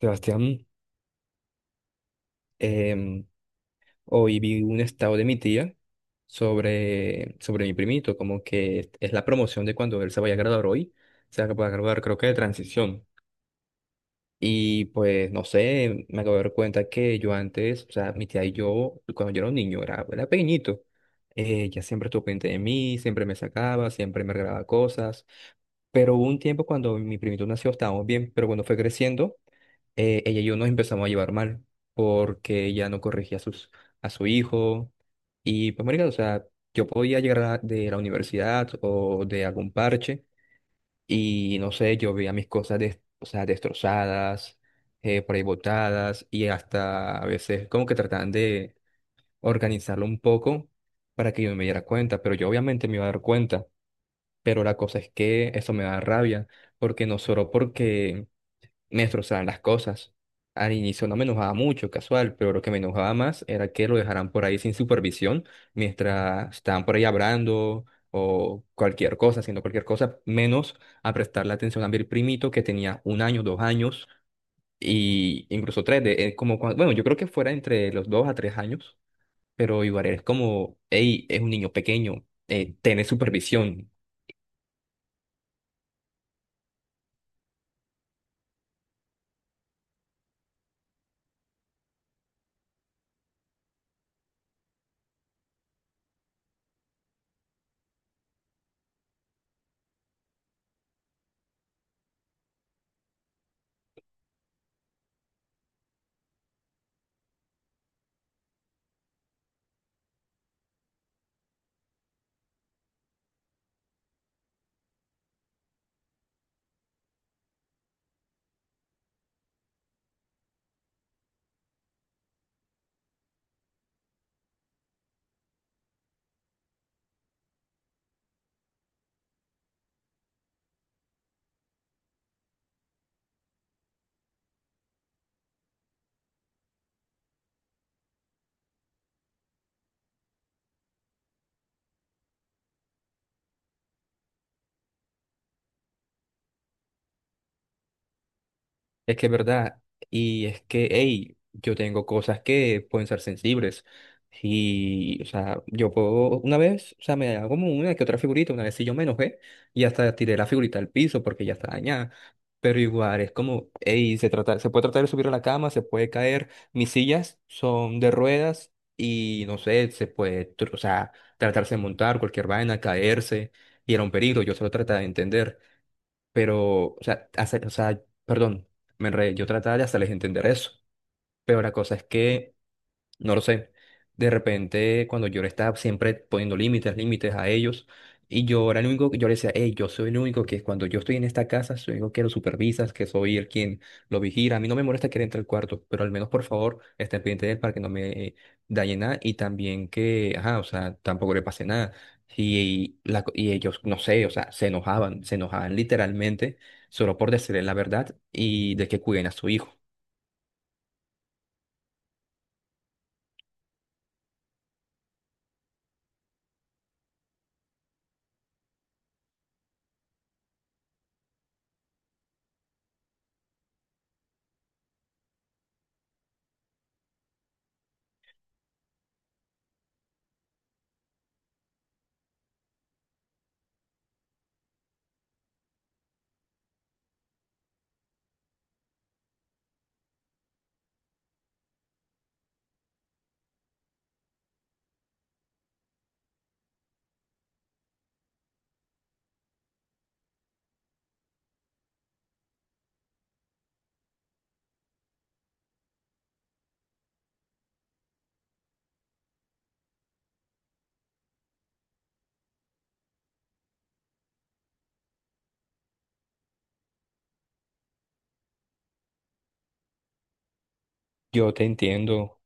Sebastián, em, hoy vi un estado de mi tía sobre mi primito, como que es la promoción de cuando él se vaya a graduar hoy, se va a graduar creo que de transición. Y pues no sé, me acabo de dar cuenta que yo antes, o sea, mi tía y yo, cuando yo era un niño, era pequeñito, ella siempre estuvo pendiente de mí, siempre me sacaba, siempre me regalaba cosas, pero hubo un tiempo cuando mi primito nació, estábamos bien, pero cuando fue creciendo ella y yo nos empezamos a llevar mal porque ella no corregía a su hijo. Y pues, marica, o sea, yo podía llegar de la universidad o de algún parche y no sé, yo veía mis cosas o sea, destrozadas, por ahí botadas y hasta a veces como que trataban de organizarlo un poco para que yo me diera cuenta, pero yo obviamente me iba a dar cuenta, pero la cosa es que eso me da rabia porque no solo porque me destrozaban las cosas. Al inicio no me enojaba mucho, casual, pero lo que me enojaba más era que lo dejaran por ahí sin supervisión mientras estaban por ahí hablando o cualquier cosa, haciendo cualquier cosa, menos a prestarle atención a mi primito que tenía 1 año, 2 años y incluso tres, bueno, yo creo que fuera entre los dos a tres años, pero igual es como, hey, es un niño pequeño, tiene supervisión. Es que es verdad, y es que, hey, yo tengo cosas que pueden ser sensibles. Y, o sea, yo puedo, una vez, o sea, me hago como una que otra figurita, una vez sí yo me enojé y hasta tiré la figurita al piso porque ya está dañada. Pero igual, es como, hey, se puede tratar de subir a la cama, se puede caer. Mis sillas son de ruedas y, no sé, o sea, tratarse de montar cualquier vaina, caerse, y era un peligro, yo solo trataba de entender. Pero, o sea, o sea, perdón, me enredé, yo trataba de hacerles entender eso. Pero la cosa es que no lo sé. De repente, cuando yo le estaba siempre poniendo límites, límites a ellos, y yo era el único que yo le decía, hey, yo soy el único que cuando yo estoy en esta casa, soy el único que lo supervisas, que soy el quien lo vigila. A mí no me molesta que él entre al cuarto, pero al menos por favor, esté pendiente de él para que no me dañe nada y también que, ajá, o sea, tampoco le pase nada. Y ellos, no sé, o sea, se enojaban literalmente solo por decirle la verdad y de que cuiden a su hijo. Yo te entiendo.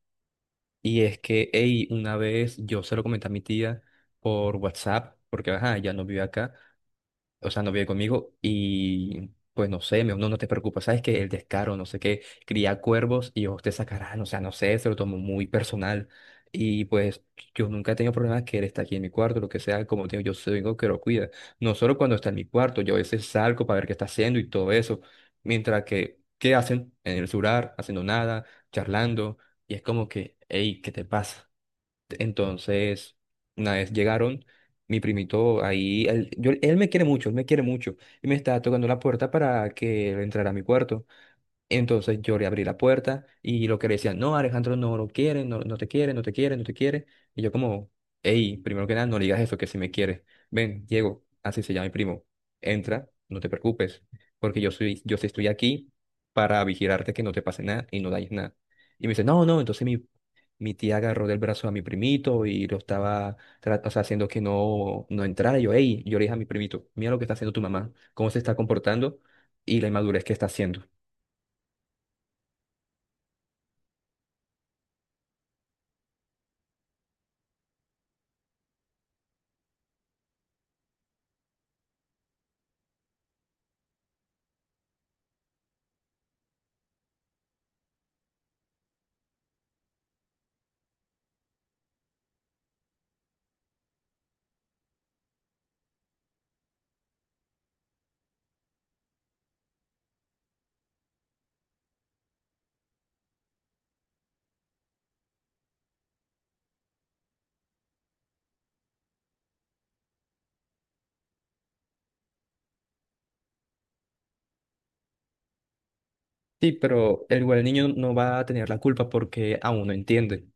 Y es que, hey, una vez yo se lo comenté a mi tía por WhatsApp, porque ajá, ya no vive acá, o sea, no vive conmigo y pues no sé, me dijo, no, no te preocupes, sabes que el descaro, no sé qué, cría cuervos y os te sacarán, o sea, no sé, se lo tomo muy personal y pues yo nunca he tenido problemas que él está aquí en mi cuarto, lo que sea, como te digo, yo soy el que lo cuida, no solo cuando está en mi cuarto, yo a veces salgo para ver qué está haciendo y todo eso, mientras que, ¿qué hacen? En el celular, haciendo nada, charlando y es como que, hey, ¿qué te pasa? Entonces, una vez llegaron, mi primito ahí, él, él me quiere mucho, él me quiere mucho, y me estaba tocando la puerta para que él entrara a mi cuarto. Entonces yo le abrí la puerta y lo que le decían, no, Alejandro no lo quiere, no, no te quiere, no te quiere, no te quiere. Y yo como, hey, primero que nada, no le digas eso, que si me quiere. Ven, Diego, así se llama mi primo. Entra, no te preocupes, porque yo soy, yo sí estoy aquí para vigilarte que no te pase nada y no dañes nada. Y me dice, no, no, entonces mi tía agarró del brazo a mi primito y lo estaba o sea, haciendo que no, no entrara. Y yo, hey, yo le dije a mi primito, mira lo que está haciendo tu mamá, cómo se está comportando y la inmadurez que está haciendo. Sí, pero igual el niño no va a tener la culpa porque aún no entiende.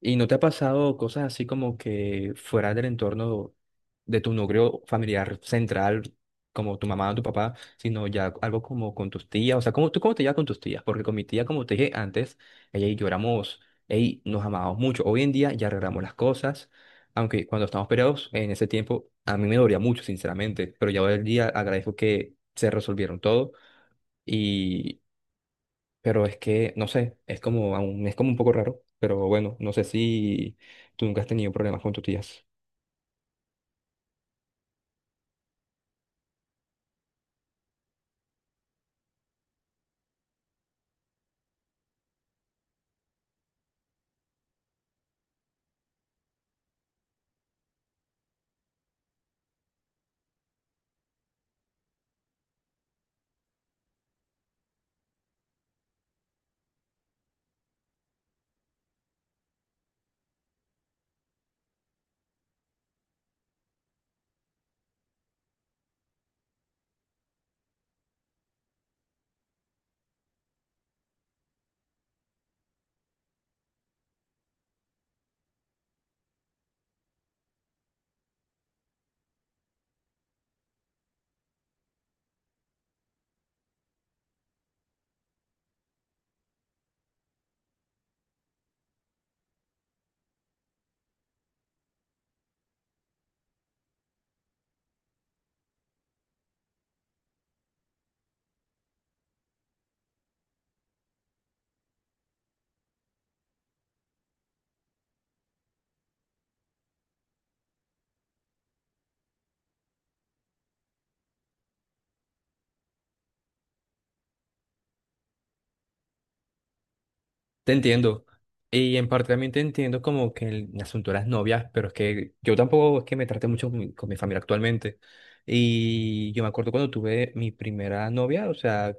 ¿Y no te ha pasado cosas así como que fuera del entorno de tu núcleo familiar central, como tu mamá o tu papá, sino ya algo como con tus tías? O sea, ¿Tú cómo te llevas con tus tías? Porque con mi tía, como te dije antes, ella y yo ey, nos amábamos mucho. Hoy en día ya arreglamos las cosas, aunque cuando estamos peleados en ese tiempo a mí me dolía mucho, sinceramente, pero ya hoy en día agradezco que se resolvieron todo. Y Pero es que, no sé, es como, es como un poco raro, pero bueno, no sé si tú nunca has tenido problemas con tus tías. Te entiendo. Y en parte también te entiendo como que el asunto de las novias, pero es que yo tampoco es que me trate mucho con mi familia actualmente. Y yo me acuerdo cuando tuve mi primera novia, o sea,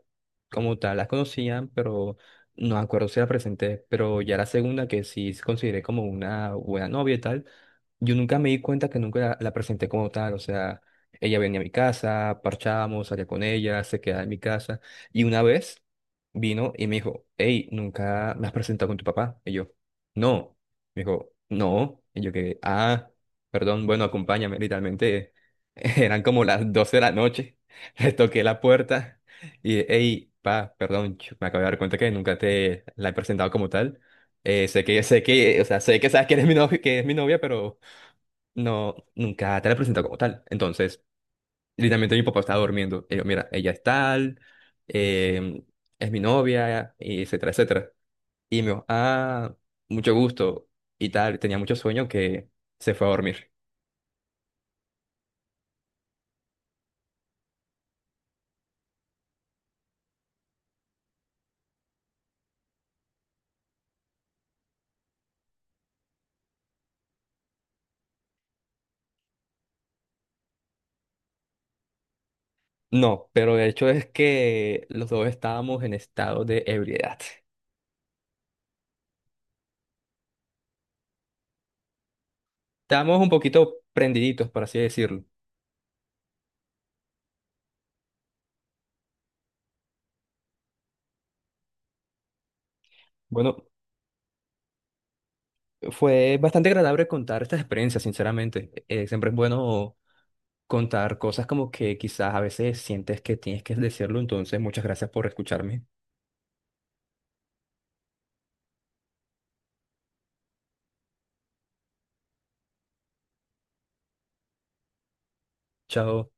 como tal, las conocían, pero no me acuerdo si la presenté, pero ya la segunda que sí consideré como una buena novia y tal, yo nunca me di cuenta que nunca la presenté como tal, o sea, ella venía a mi casa, parchábamos, salía con ella, se quedaba en mi casa. Y una vez vino y me dijo, hey, ¿nunca me has presentado con tu papá? Y yo, no. Me dijo, no. Y yo que, ah, perdón, bueno, acompáñame. Literalmente eran como las 12 de la noche. Le toqué la puerta y, hey, perdón, me acabo de dar cuenta que nunca te la he presentado como tal. Sé que, o sea, sé que sabes que eres mi novia, que es mi novia, pero no, nunca te la he presentado como tal. Entonces, literalmente mi papá estaba durmiendo. Y yo, mira, ella es tal, eh, es mi novia, y etcétera, etcétera. Y me dijo, ah, mucho gusto y tal. Tenía mucho sueño que se fue a dormir. No, pero de hecho es que los dos estábamos en estado de ebriedad. Estábamos un poquito prendiditos, por así decirlo. Bueno, fue bastante agradable contar estas experiencias, sinceramente. Siempre es bueno contar cosas como que quizás a veces sientes que tienes que decirlo, entonces muchas gracias por escucharme. Chao.